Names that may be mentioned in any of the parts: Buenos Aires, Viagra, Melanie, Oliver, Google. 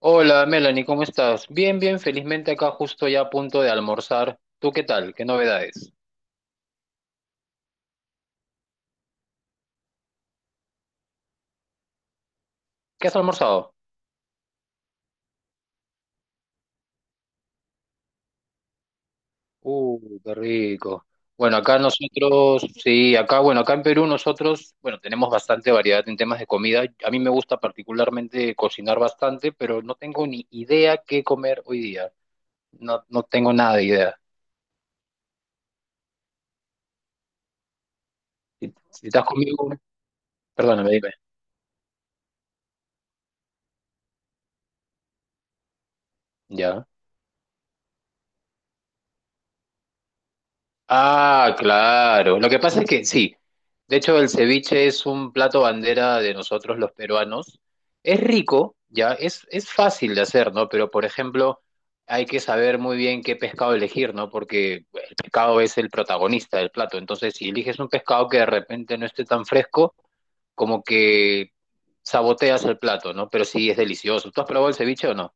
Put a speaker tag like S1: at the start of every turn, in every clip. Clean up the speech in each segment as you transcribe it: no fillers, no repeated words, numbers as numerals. S1: Hola Melanie, ¿cómo estás? Bien, felizmente acá justo ya a punto de almorzar. ¿Tú qué tal? ¿Qué novedades? ¿Qué has almorzado? Qué rico. Bueno, acá nosotros, sí, acá, bueno, acá en Perú nosotros, bueno, tenemos bastante variedad en temas de comida. A mí me gusta particularmente cocinar bastante, pero no tengo ni idea qué comer hoy día. No tengo nada de idea. Si estás conmigo, perdóname, dime. Ah, claro. Lo que pasa es que sí. De hecho, el ceviche es un plato bandera de nosotros los peruanos. Es rico, ya, es fácil de hacer, ¿no? Pero, por ejemplo, hay que saber muy bien qué pescado elegir, ¿no? Porque el pescado es el protagonista del plato. Entonces, si eliges un pescado que de repente no esté tan fresco, como que saboteas el plato, ¿no? Pero sí es delicioso. ¿Tú has probado el ceviche o no?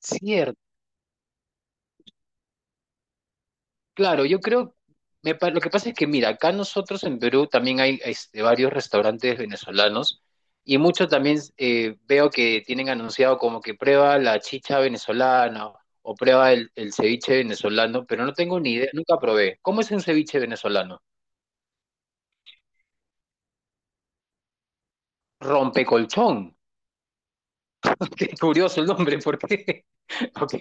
S1: Cierto. Claro, yo creo, lo que pasa es que, mira, acá nosotros en Perú también hay este, varios restaurantes venezolanos y muchos también veo que tienen anunciado como que prueba la chicha venezolana o prueba el ceviche venezolano, pero no tengo ni idea, nunca probé. ¿Cómo es un ceviche venezolano? Rompecolchón. Qué curioso el nombre, ¿por qué? Ok.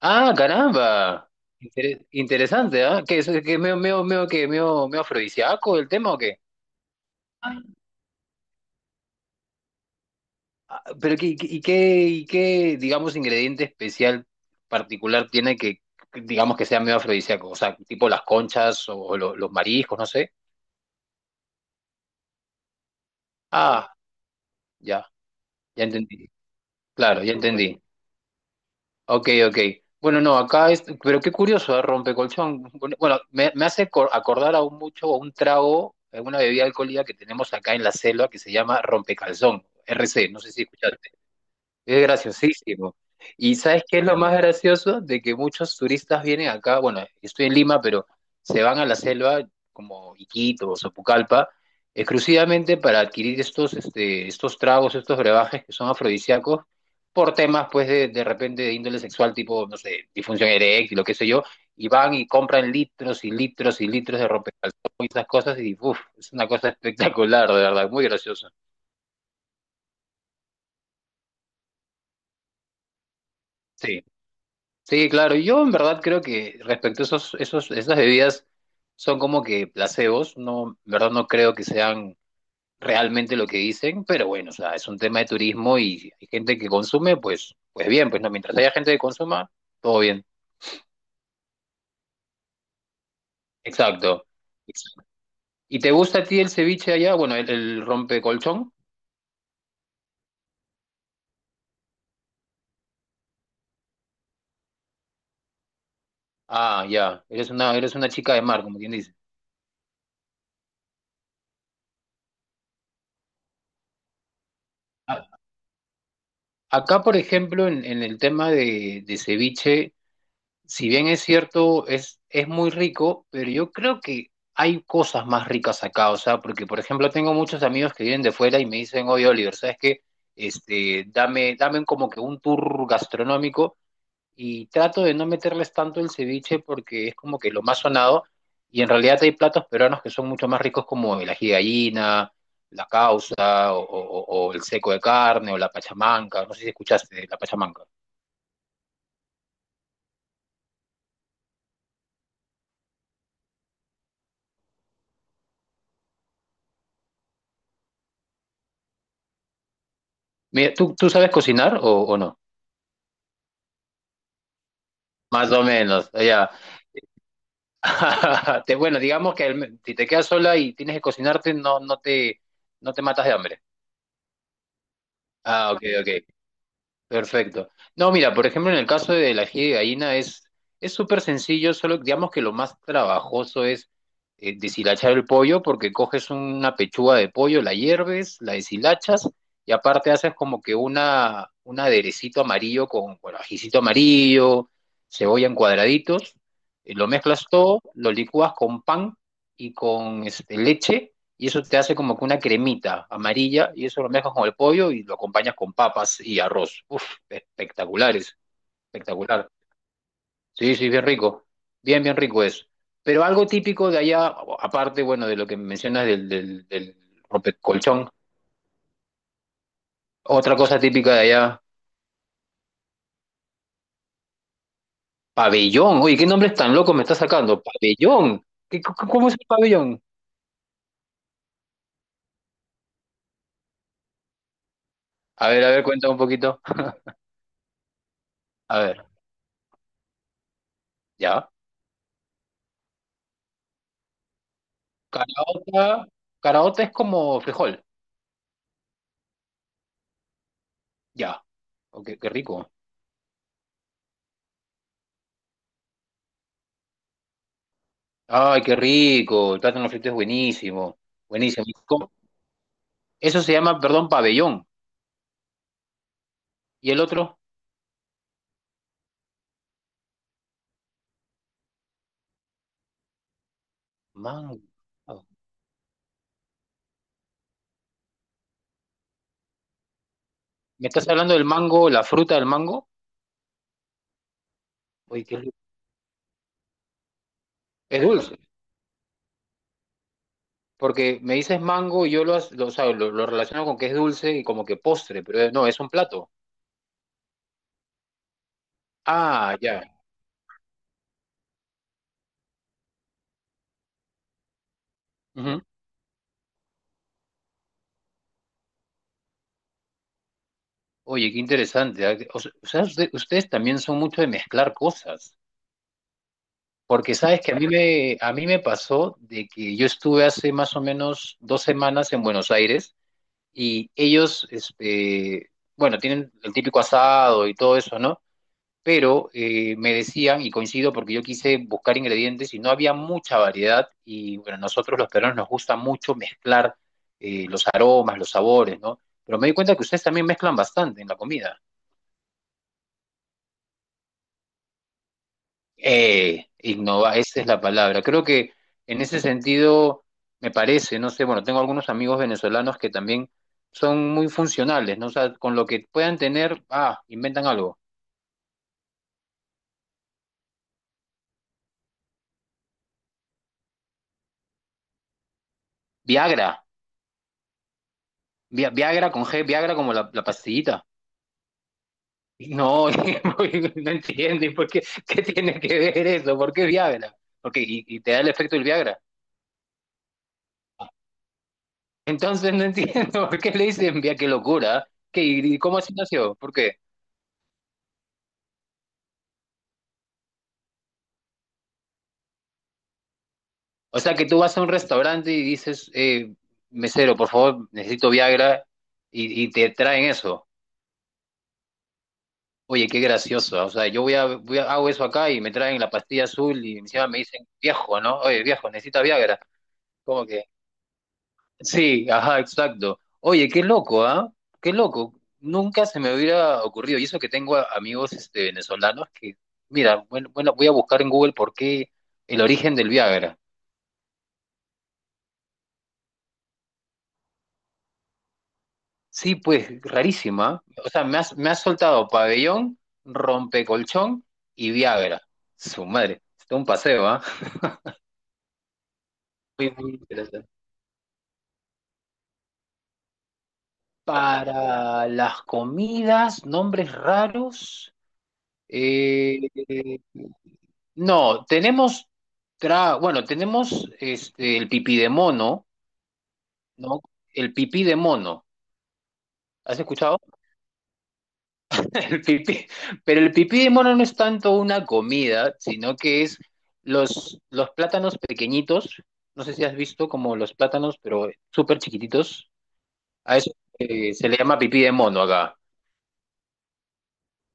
S1: Ah, caramba. Interesante, ¿ah? ¿Qué es? ¿Qué es medio, medio, medio, que medio, medio afrodisíaco el tema o qué? Pero ¿qué, digamos, ingrediente especial particular tiene que, digamos, que sea medio afrodisíaco? O sea, tipo las conchas o los mariscos, no sé. Ah, ya, ya entendí. Claro, ya entendí. Ok, ok. Bueno, no, acá es, pero qué curioso, ¿eh? Rompecolchón. Bueno, bueno, me hace acordar aún mucho a un trago, a una bebida alcohólica que tenemos acá en la selva que se llama rompecalzón, RC, no sé si escuchaste. Es graciosísimo. ¿Y sabes qué es lo más gracioso? De que muchos turistas vienen acá, bueno, yo estoy en Lima, pero se van a la selva como Iquitos o Sopucalpa, exclusivamente para adquirir estos tragos, estos brebajes que son afrodisíacos, por temas, pues, de repente de índole sexual, tipo, no sé, disfunción eréctil o qué sé yo, y van y compran litros y litros y litros de rompecalzón y esas cosas, y uff, es una cosa espectacular, de verdad, muy gracioso. Sí. Sí, claro. Yo en verdad creo que respecto a esas bebidas son como que placebos. No, en verdad no creo que sean realmente lo que dicen, pero bueno, o sea, es un tema de turismo y si hay gente que consume, pues, pues bien, pues no, mientras haya gente que consuma, todo bien. Exacto. ¿Y te gusta a ti el ceviche allá? Bueno, el rompecolchón. Ah, ya. Eres una chica de mar, como quien dice. A- Acá, por ejemplo, en el tema de ceviche, si bien es cierto, es muy rico, pero yo creo que hay cosas más ricas acá, o sea, porque por ejemplo tengo muchos amigos que vienen de fuera y me dicen, oye Oliver, ¿sabes qué? Este, dame como que un tour gastronómico y trato de no meterles tanto el ceviche porque es como que lo más sonado y en realidad hay platos peruanos que son mucho más ricos como el ají de gallina, la causa o el seco de carne o la pachamanca, no sé si escuchaste de la pachamanca. Mira, ¿tú sabes cocinar o no? Más o menos, ya. Bueno, digamos que si te quedas sola y tienes que cocinarte, no te matas de hambre. Ah, ok, ok. Perfecto. No, mira, por ejemplo, en el caso del ají de gallina es súper sencillo, solo digamos que lo más trabajoso es deshilachar el pollo, porque coges una pechuga de pollo, la hierves, la deshilachas y aparte haces como que una un aderecito amarillo con, bueno, ajicito amarillo, cebolla en cuadraditos, y lo mezclas todo, lo licúas con pan y con este, leche y eso te hace como que una cremita amarilla y eso lo mezclas con el pollo y lo acompañas con papas y arroz. Uf, espectaculares, espectacular. Sí, sí, bien rico, bien rico es. Pero algo típico de allá, aparte, bueno, de lo que mencionas del rompecolchón, otra cosa típica de allá, pabellón. Oye, ¿qué nombres tan locos me está sacando? Pabellón. ¿Qué, cómo es el pabellón? A ver, cuéntame un poquito. A ver, ya. Caraota, caraota es como frijol. Ya. Ok, qué rico. Ay, qué rico. El plátano frito es buenísimo. Buenísimo. ¿Cómo? Eso se llama, perdón, pabellón. ¿Y el otro? Mango. ¿Me estás hablando del mango, la fruta del mango? Oye, qué rico. Es dulce. Porque me dices mango y yo lo, o sea, lo relaciono con que es dulce y como que postre, pero no, es un plato. Ah, ya. Ujú. Oye, qué interesante. O sea, ustedes también son mucho de mezclar cosas. Porque sabes que a mí me pasó de que yo estuve hace más o menos dos semanas en Buenos Aires y ellos, este, bueno, tienen el típico asado y todo eso, ¿no? Pero me decían, y coincido porque yo quise buscar ingredientes y no había mucha variedad, y bueno, nosotros los peruanos nos gusta mucho mezclar los aromas, los sabores, ¿no? Pero me di cuenta que ustedes también mezclan bastante en la comida. Innova, esa es la palabra. Creo que en ese sentido me parece, no sé, bueno, tengo algunos amigos venezolanos que también son muy funcionales, ¿no? O sea, con lo que puedan tener, ah, inventan algo. Viagra, Viagra con G, Viagra como la pastillita. No, no entienden por qué, qué tiene que ver eso, por qué Viagra, porque y te da el efecto del Viagra. Entonces no entiendo por qué le dicen Viagra, qué locura, ¿Qué, y cómo así nació, ¿por qué? O sea que tú vas a un restaurante y dices, mesero, por favor, necesito Viagra y te traen eso. Oye, qué gracioso. O sea, yo hago eso acá y me traen la pastilla azul y encima me dicen, viejo, ¿no? Oye, viejo, necesita Viagra. ¿Cómo que? Sí, ajá, exacto. Oye, qué loco, ¿ah? Qué loco. Nunca se me hubiera ocurrido. Y eso que tengo amigos este, venezolanos que, mira, bueno, bueno, voy a buscar en Google por qué el origen del Viagra. Sí, pues rarísima. O sea, me has soltado pabellón, rompecolchón y Viagra. Su madre, está un paseo, ¿ah? Muy, muy interesante. Para las comidas, nombres raros. Eh, no, tenemos, bueno, tenemos este, el pipí de mono, ¿no? El pipí de mono. ¿Has escuchado? El pipí, pero el pipí de mono no es tanto una comida, sino que es los plátanos pequeñitos, no sé si has visto como los plátanos, pero súper chiquititos, a eso se le llama pipí de mono acá,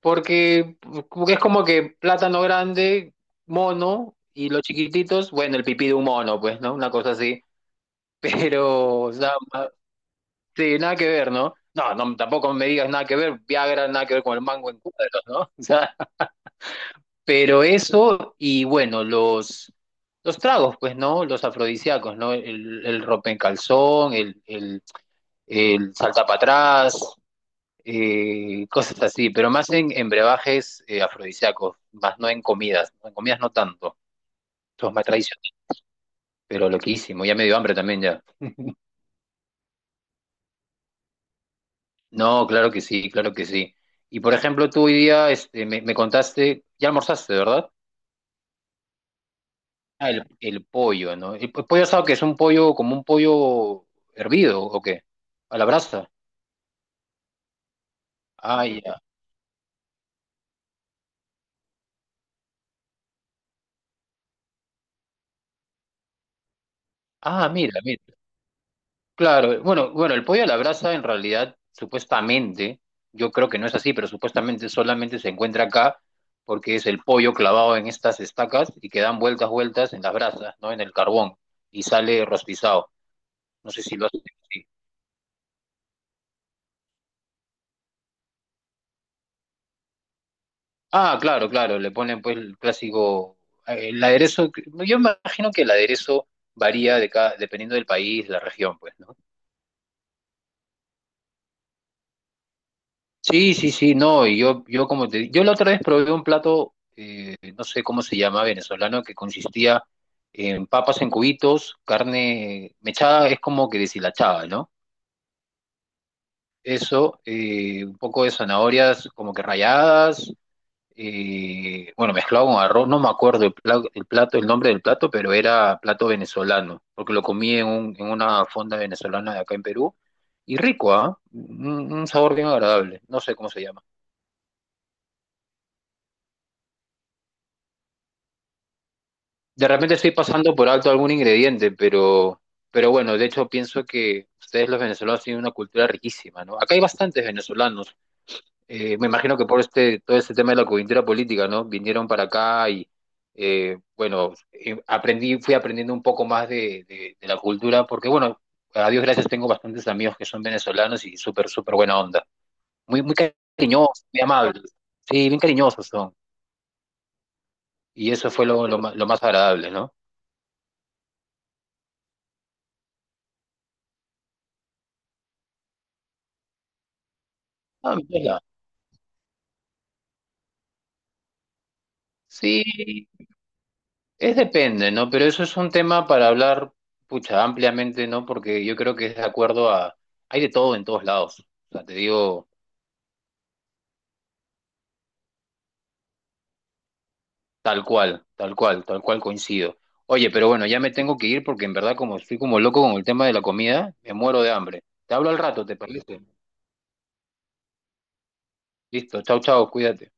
S1: porque, porque es como que plátano grande, mono, y los chiquititos, bueno, el pipí de un mono, pues, ¿no? Una cosa así, pero, o sea, sí, nada que ver, ¿no? No, no, tampoco me digas nada que ver, Viagra, nada que ver con el mango en cuadros, ¿no? Pero eso, y bueno, los tragos, pues, ¿no? Los afrodisíacos, ¿no? El ropa en el, el, el salta para atrás, cosas así, pero más en brebajes afrodisíacos, más no en comidas. ¿No? En comidas no tanto, eso es más tradicional, pero loquísimo, ya me dio hambre también ya. No, claro que sí, claro que sí. Y por ejemplo, tú hoy día este, me contaste, ya almorzaste, ¿verdad? Ah, el pollo, ¿no? El, pollo asado que es un pollo como un pollo hervido ¿o qué? A la brasa. Ah, ya. Ah, mira, mira. Claro, bueno, bueno, el pollo a la brasa en realidad supuestamente, yo creo que no es así, pero supuestamente solamente se encuentra acá porque es el pollo clavado en estas estacas y que dan vueltas, vueltas en las brasas, ¿no? En el carbón y sale rostizado. No sé si lo hacen. Ah, claro, claro, le ponen pues el clásico, el aderezo, yo imagino que el aderezo varía de cada, dependiendo del país, la región, pues, ¿no? Sí, sí, sí, no, yo como te, yo la otra vez probé un plato, no sé cómo se llama, venezolano, que consistía en papas en cubitos, carne mechada, es como que deshilachada, ¿no? Eso, un poco de zanahorias como que ralladas, bueno, mezclado con arroz, no me acuerdo el el plato, el nombre del plato, pero era plato venezolano, porque lo comí en, en una fonda venezolana de acá en Perú, y rico, ¿ah? Un sabor bien agradable, no sé cómo se llama. De repente estoy pasando por alto algún ingrediente, pero bueno, de hecho pienso que ustedes los venezolanos tienen una cultura riquísima, ¿no? Acá hay bastantes venezolanos, me imagino que por este, todo este tema de la coyuntura política, ¿no? Vinieron para acá y, bueno, aprendí, fui aprendiendo un poco más de la cultura, porque, bueno, a Dios gracias tengo bastantes amigos que son venezolanos y súper, súper buena onda. Muy, muy cariñosos, muy amables. Sí, bien cariñosos son. Y eso fue lo más agradable, ¿no? Ah, mira. Sí, es depende, ¿no? Pero eso es un tema para hablar, pucha, ampliamente, ¿no? Porque yo creo que es de acuerdo a... Hay de todo en todos lados. O sea, te digo... Tal cual, coincido. Oye, pero bueno, ya me tengo que ir porque en verdad como estoy como loco con el tema de la comida, me muero de hambre. Te hablo al rato, ¿te parece? Listo, chao, chao, cuídate.